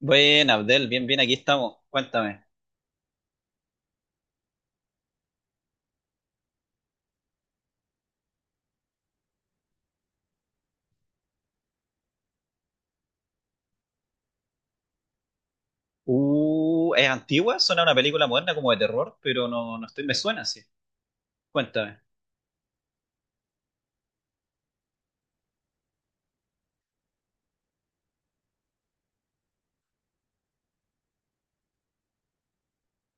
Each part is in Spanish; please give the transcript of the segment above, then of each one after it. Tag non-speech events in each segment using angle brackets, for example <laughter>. Bueno, Abdel, bien, bien, aquí estamos. Cuéntame. ¿Es antigua? Suena a una película moderna como de terror, pero no, no estoy, me suena así. Cuéntame.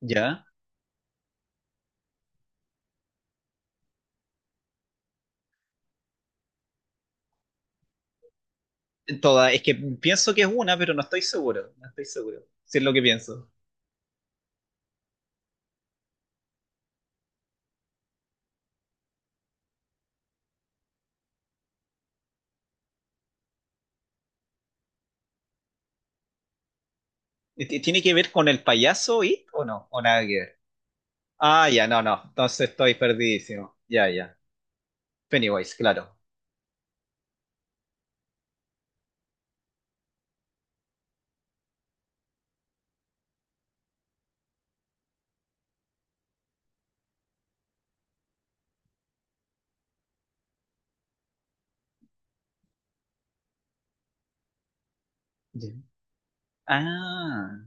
¿Ya? Toda, es que pienso que es una, pero no estoy seguro. No estoy seguro. Si es lo que pienso. ¿Tiene que ver con el payaso It o no? ¿O nada que ver? Ah, ya, no, no. Entonces estoy perdidísimo. Ya, ya. Pennywise, claro. Ya. Ah.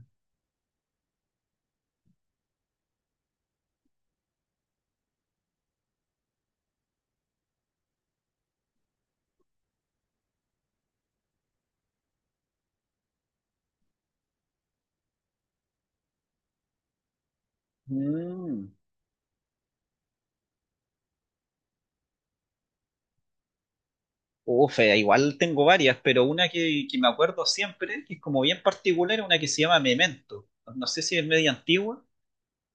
Mm. Uf, igual tengo varias, pero una que me acuerdo siempre, que es como bien particular, es una que se llama Memento. No sé si es media antigua.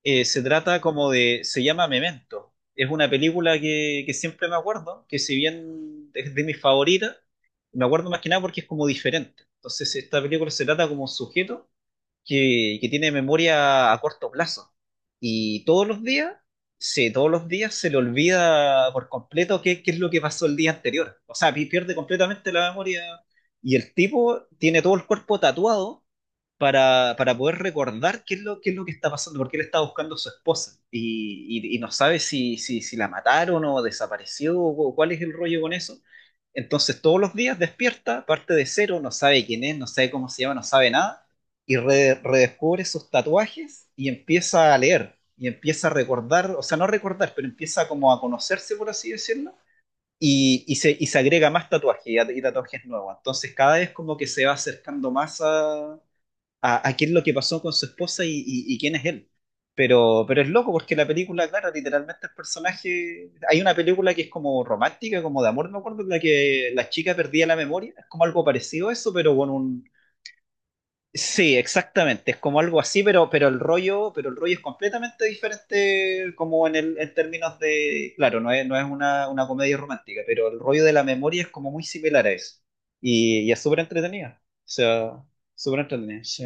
Se trata como de, se llama Memento. Es una película que siempre me acuerdo, que si bien es de mis favoritas, me acuerdo más que nada porque es como diferente. Entonces, esta película se trata como un sujeto que tiene memoria a corto plazo. Y todos los días, sí, todos los días se le olvida por completo qué es lo que pasó el día anterior. O sea, pierde completamente la memoria. Y el tipo tiene todo el cuerpo tatuado para poder recordar qué es lo que está pasando, porque él está buscando a su esposa y no sabe si la mataron o desapareció o cuál es el rollo con eso. Entonces todos los días despierta, parte de cero, no sabe quién es, no sabe cómo se llama, no sabe nada y redescubre sus tatuajes y empieza a leer y empieza a recordar, o sea, no recordar, pero empieza como a conocerse, por así decirlo, y se agrega más tatuajes y tatuajes nuevos. Entonces cada vez como que se va acercando más a qué es lo que pasó con su esposa y quién es él. Pero es loco porque la película, claro, literalmente el personaje, hay una película que es como romántica, como de amor, no me acuerdo, en la que la chica perdía la memoria, es como algo parecido a eso, pero con un, sí, exactamente. Es como algo así, pero el rollo es completamente diferente como en en términos de, claro, no es una comedia romántica, pero el rollo de la memoria es como muy similar a eso. Y es súper entretenida. O sea, súper entretenida. Sí.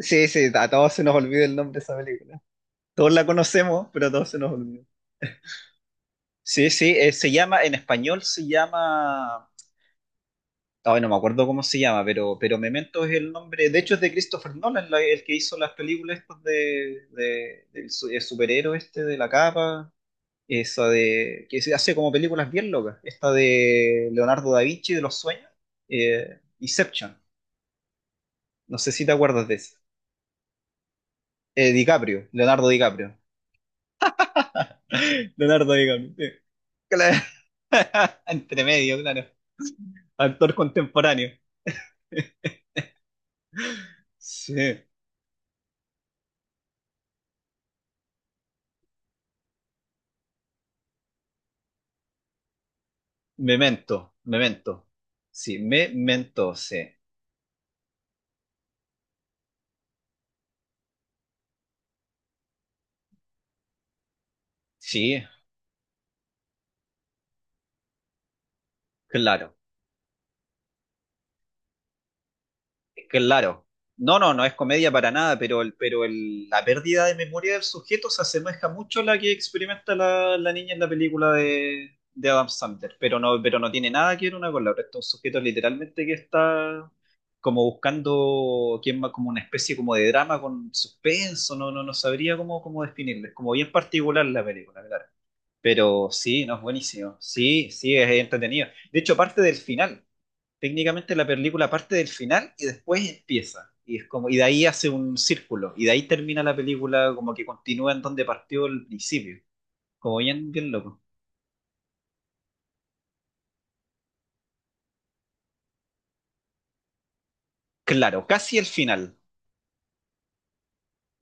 Sí, sí, a todos se nos olvida el nombre de esa película. Todos la conocemos, pero a todos se nos olvida. Sí, sí, se llama, en español se llama ay, no me acuerdo cómo se llama, pero Memento es el nombre. De hecho, es de Christopher Nolan, el que hizo las películas estas de- del su- el superhéroe este de la capa. Esa de que se hace como películas bien locas. Esta de Leonardo da Vinci de los sueños. Inception. No sé si te acuerdas de esa. DiCaprio, Leonardo DiCaprio. <laughs> Leonardo DiCaprio. Sí. Claro. <laughs> Entre medio, claro. Actor contemporáneo. Sí. Memento, Memento. Sí, Memento, sí. Sí, claro, claro. No, no, no es comedia para nada, pero, la pérdida de memoria del sujeto se asemeja mucho a la que experimenta la niña en la película de Adam Sandler, pero no tiene nada que ver una con la otra. Este es un sujeto literalmente que está como buscando quién más, como una especie como de drama con suspenso, no, no, no sabría cómo definirlo. Es como bien particular la película, claro. Pero sí, no es buenísimo. Sí, sí, es entretenido. De hecho, parte del final. Técnicamente la película parte del final y después empieza. Y es como, y de ahí hace un círculo. Y de ahí termina la película como que continúa en donde partió el principio. Como bien, bien loco. Claro, casi el final.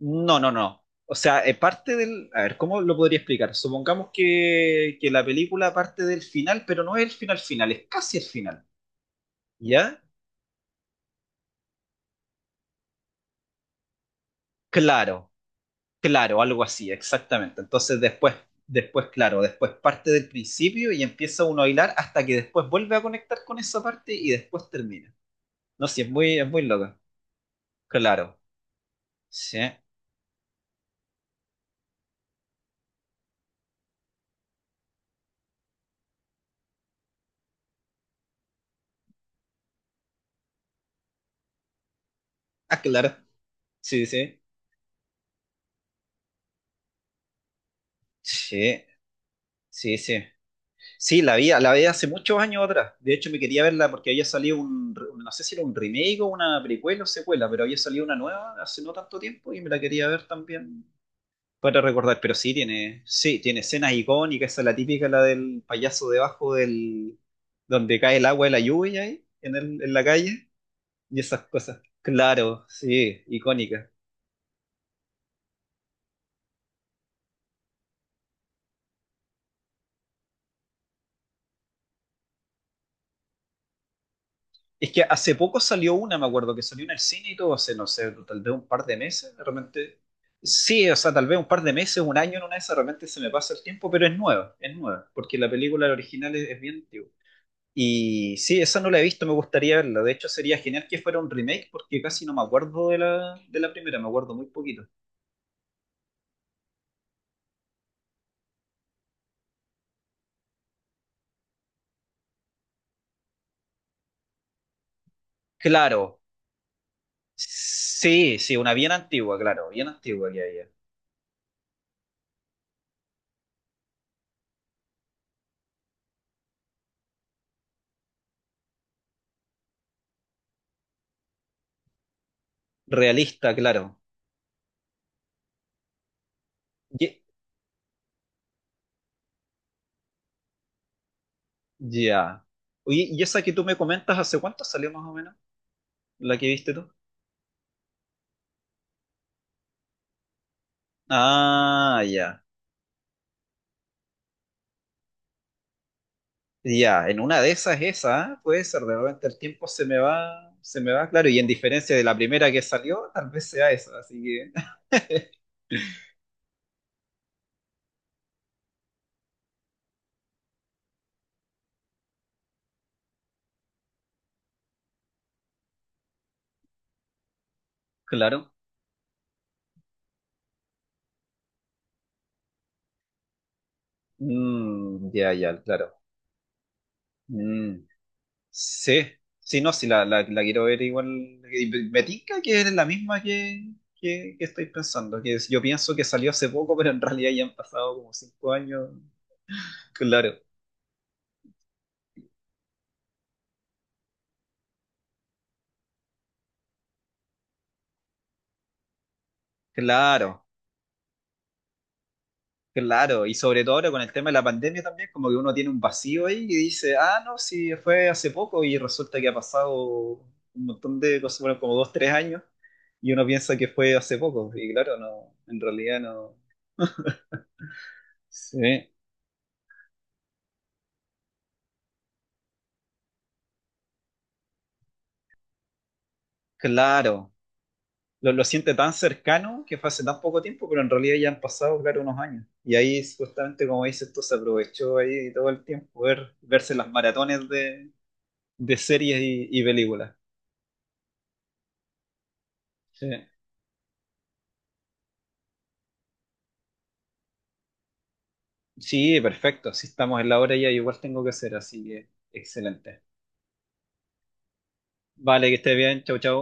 No, no, no. O sea, parte del. A ver, ¿cómo lo podría explicar? Supongamos que la película parte del final, pero no es el final final, es casi el final. ¿Ya? Claro. Claro, algo así, exactamente. Entonces después, claro, después parte del principio y empieza uno a hilar hasta que después vuelve a conectar con esa parte y después termina. No, sí, es muy loco. Claro. Sí. Ah, claro. Sí, sí. Sí, sí, sí. Sí, la vi hace muchos años atrás. De hecho, me quería verla porque había salido no sé si era un remake o una precuela o secuela, pero había salido una nueva hace no tanto tiempo y me la quería ver también para recordar, pero sí tiene escenas icónicas, esa es la típica, la del payaso debajo del, donde cae el agua de la lluvia ahí, en la calle, y esas cosas. Claro, sí, icónicas. Es que hace poco salió una, me acuerdo, que salió en el cine y todo, hace, no sé, tal vez un par de meses, de repente. Sí, o sea, tal vez un par de meses, un año en una de esas, de repente se me pasa el tiempo, pero es nueva, porque la película original es bien antigua. Y sí, esa no la he visto, me gustaría verla. De hecho, sería genial que fuera un remake porque casi no me acuerdo de la primera, me acuerdo muy poquito. Claro, sí, sí, una bien antigua, claro, bien antigua que había. Realista, claro. Ye- Ya. Oye, ¿y esa que tú me comentas hace cuánto salió más o menos? ¿La que viste tú? Ah, ya. Ya, en una de esas esa, ¿ah? Puede ser, de repente el tiempo se me va, claro, y en diferencia de la primera que salió, tal vez sea esa, así que, <laughs> claro. Mm, ya, ya, claro. Mm, sí, sí, no, sí, la quiero ver igual. Y me tinca que es la misma que estoy pensando, que yo pienso que salió hace poco, pero en realidad ya han pasado como 5 años. Claro, claro, claro. Y sobre todo ahora con el tema de la pandemia también, como que uno tiene un vacío ahí y dice, ah, no, sí, fue hace poco y resulta que ha pasado un montón de cosas, bueno, como 2, 3 años, y uno piensa que fue hace poco, y claro, no, en realidad no. Sí. Claro, lo siente tan cercano que fue hace tan poco tiempo, pero en realidad ya han pasado, claro, unos años. Y ahí, justamente como dices, esto se aprovechó ahí todo el tiempo, verse las maratones de series y películas. Sí. Sí, perfecto, si estamos en la hora ya, igual tengo que hacer, así que excelente. Vale, que estés bien, chau, chau.